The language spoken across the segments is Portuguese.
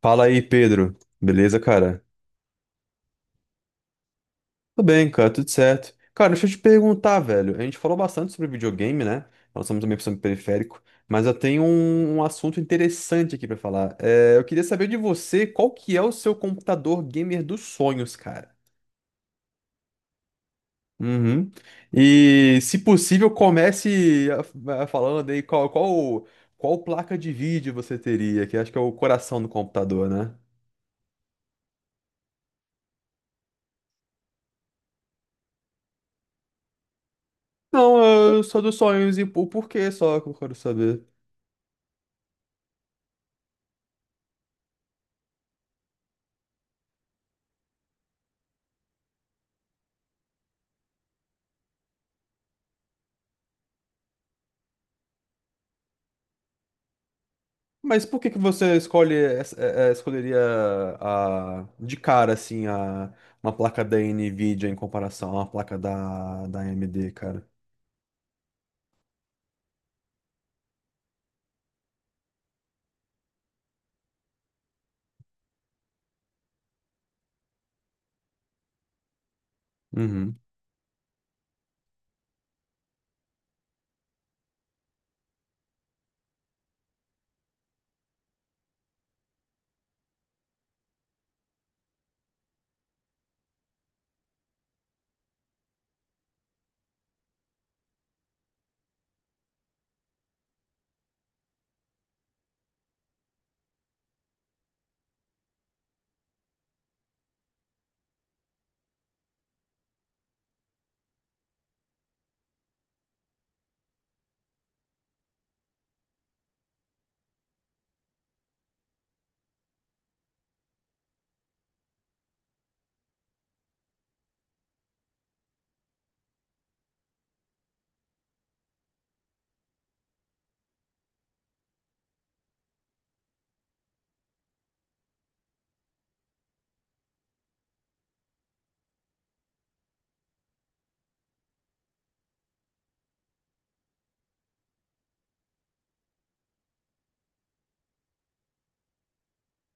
Fala aí, Pedro. Beleza, cara? Tudo bem, cara, tudo certo. Cara, deixa eu te perguntar, velho. A gente falou bastante sobre videogame, né? Nós estamos também sobre periférico, mas eu tenho um assunto interessante aqui pra falar. Eu queria saber de você qual que é o seu computador gamer dos sonhos, cara. Uhum. E, se possível, comece falando aí qual placa de vídeo você teria, que acho que é o coração do computador, né? Não, eu sou dos sonhos e o porquê só que eu quero saber. Mas por que que você escolhe, escolheria de cara, assim, uma placa da NVIDIA em comparação a uma placa da AMD, cara?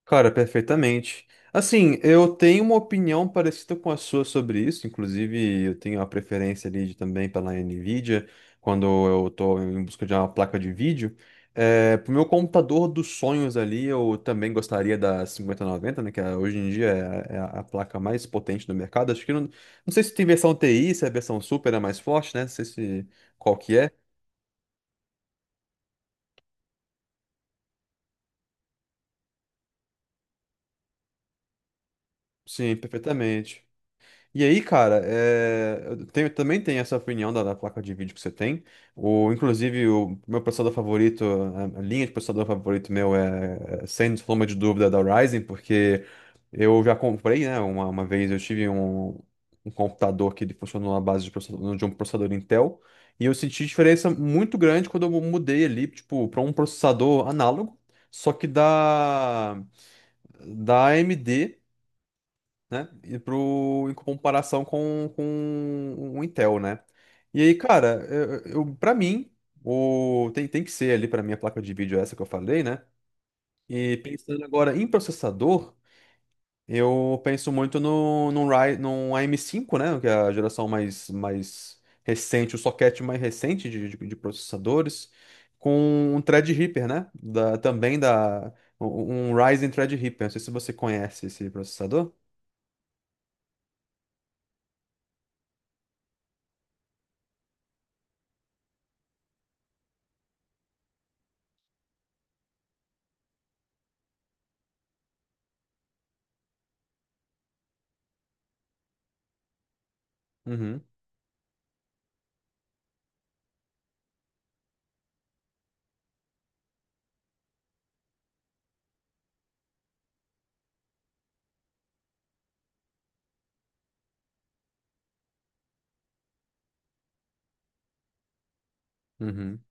Cara, perfeitamente. Assim, eu tenho uma opinião parecida com a sua sobre isso, inclusive eu tenho a preferência também pela Nvidia, quando eu estou em busca de uma placa de vídeo. Pro meu computador dos sonhos ali, eu também gostaria da 5090, né, hoje em dia é a placa mais potente do mercado. Acho que não, não sei se tem versão TI, se a versão Super é mais forte, né? Não sei se qual que é. Sim, perfeitamente. E aí, cara, é, também tenho essa opinião da placa de vídeo que você tem. O, inclusive, o meu processador favorito, a linha de processador favorito meu é, sem sombra de dúvida, é da Ryzen, porque eu já comprei, né? Uma vez eu tive um computador que ele funcionou na base de, de um processador Intel, e eu senti diferença muito grande quando eu mudei ali, tipo, para um processador análogo, só que da AMD, né? Em comparação com o Intel, né? E aí, cara, pra mim, tem que ser ali pra mim a placa de vídeo essa que eu falei, né? E pensando agora em processador, eu penso muito no AM5, né? Que é a geração mais recente, o socket mais recente de processadores, com um Threadripper, né? Da, também da. Um Ryzen Threadripper. Não sei se você conhece esse processador. Uhum, uhum.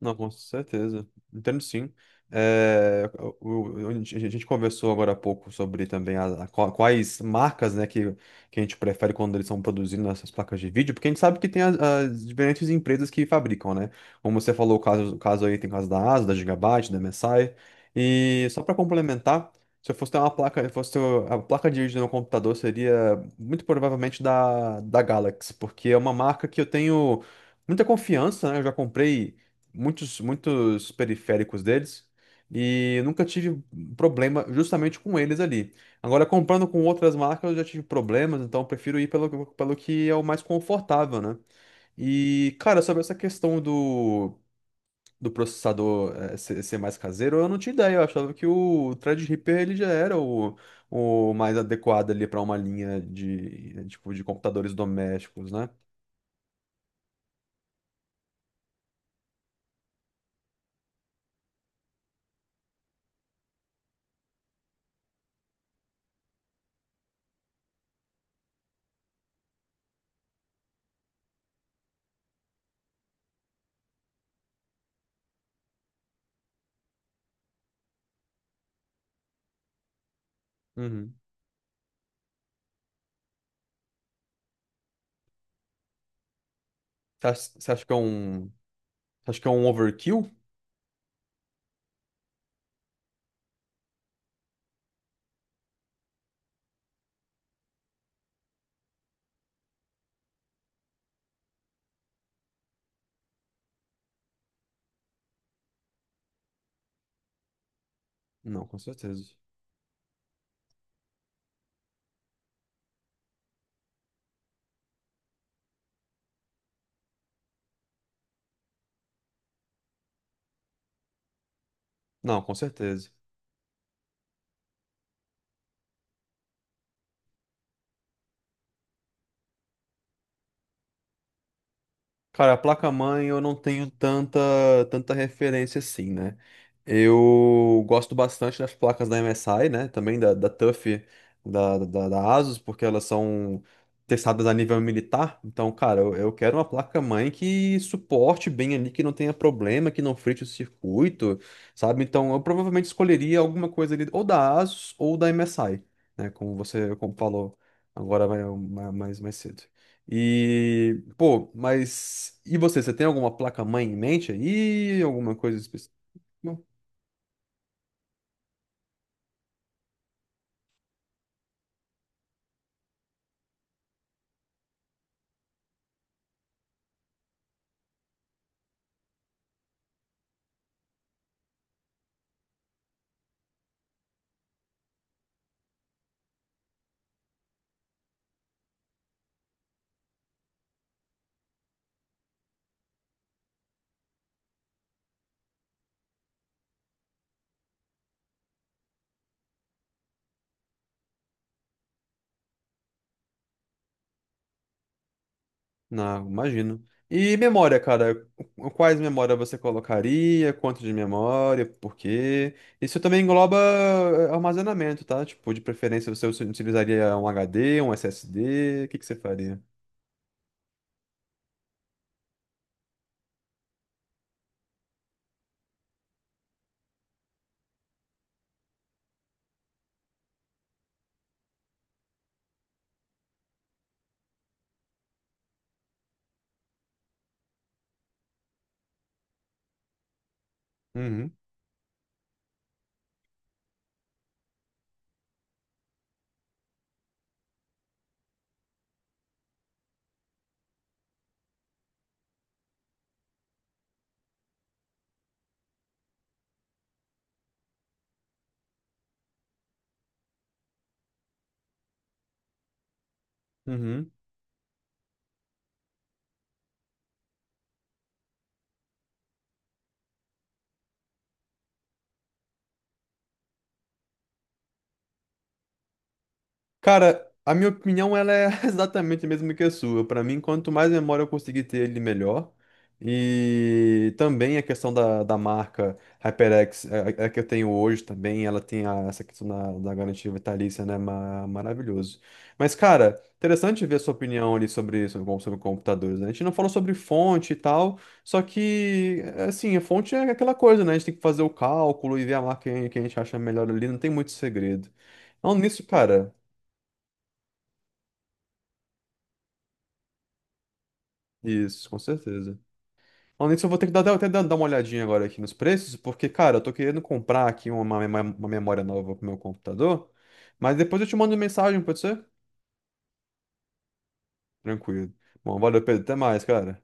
Não, com certeza. Entendo sim. É, a gente conversou agora há pouco sobre também quais marcas, né, que a gente prefere quando eles estão produzindo essas placas de vídeo, porque a gente sabe que tem as diferentes empresas que fabricam, né? Como você falou, o caso aí tem o caso da ASUS, da Gigabyte, da MSI. E só para complementar, se eu fosse ter uma placa, se fosse ter a placa de vídeo no meu computador, seria muito provavelmente da Galaxy, porque é uma marca que eu tenho muita confiança, né? Eu já comprei muitos periféricos deles e eu nunca tive problema justamente com eles ali. Agora, comprando com outras marcas, eu já tive problemas, então eu prefiro ir pelo que é o mais confortável, né? E, cara, sobre essa questão do processador ser mais caseiro, eu não tinha ideia. Eu achava que o Threadripper ele já era o mais adequado ali para uma linha de, tipo, de computadores domésticos, né? Uhum. Você acha que é um, você acha que é um overkill? Não, com certeza. Não, com certeza. Cara, a placa-mãe eu não tenho tanta referência assim, né? Eu gosto bastante das placas da MSI, né? Também da TUF, da ASUS, porque elas são testadas a nível militar. Então, cara, eu quero uma placa-mãe que suporte bem ali, que não tenha problema, que não frite o circuito, sabe? Então, eu provavelmente escolheria alguma coisa ali, ou da ASUS ou da MSI, né? Como você como falou agora mais cedo. E, pô, mas e você, você tem alguma placa-mãe em mente aí? Alguma coisa específica? Não, imagino. E memória, cara, quais memórias você colocaria? Quanto de memória? Por quê? Isso também engloba armazenamento, tá? Tipo, de preferência você utilizaria um HD, um SSD, o que que você faria? Uhum, uhum. Cara, a minha opinião ela é exatamente a mesma que a sua. Para mim, quanto mais memória eu conseguir ter, ele melhor. E também a questão da marca HyperX, é que eu tenho hoje também, ela tem essa questão da garantia vitalícia, né? Maravilhoso. Mas, cara, interessante ver a sua opinião ali sobre, sobre computadores, né? A gente não falou sobre fonte e tal, só que, assim, a fonte é aquela coisa, né? A gente tem que fazer o cálculo e ver a marca que a gente acha melhor ali, não tem muito segredo. Não, nisso, cara. Isso, com certeza. Além disso, eu vou ter que dar, até dar uma olhadinha agora aqui nos preços, porque, cara, eu tô querendo comprar aqui uma memória nova pro meu computador, mas depois eu te mando mensagem, pode ser? Tranquilo. Bom, valeu, Pedro. Até mais, cara.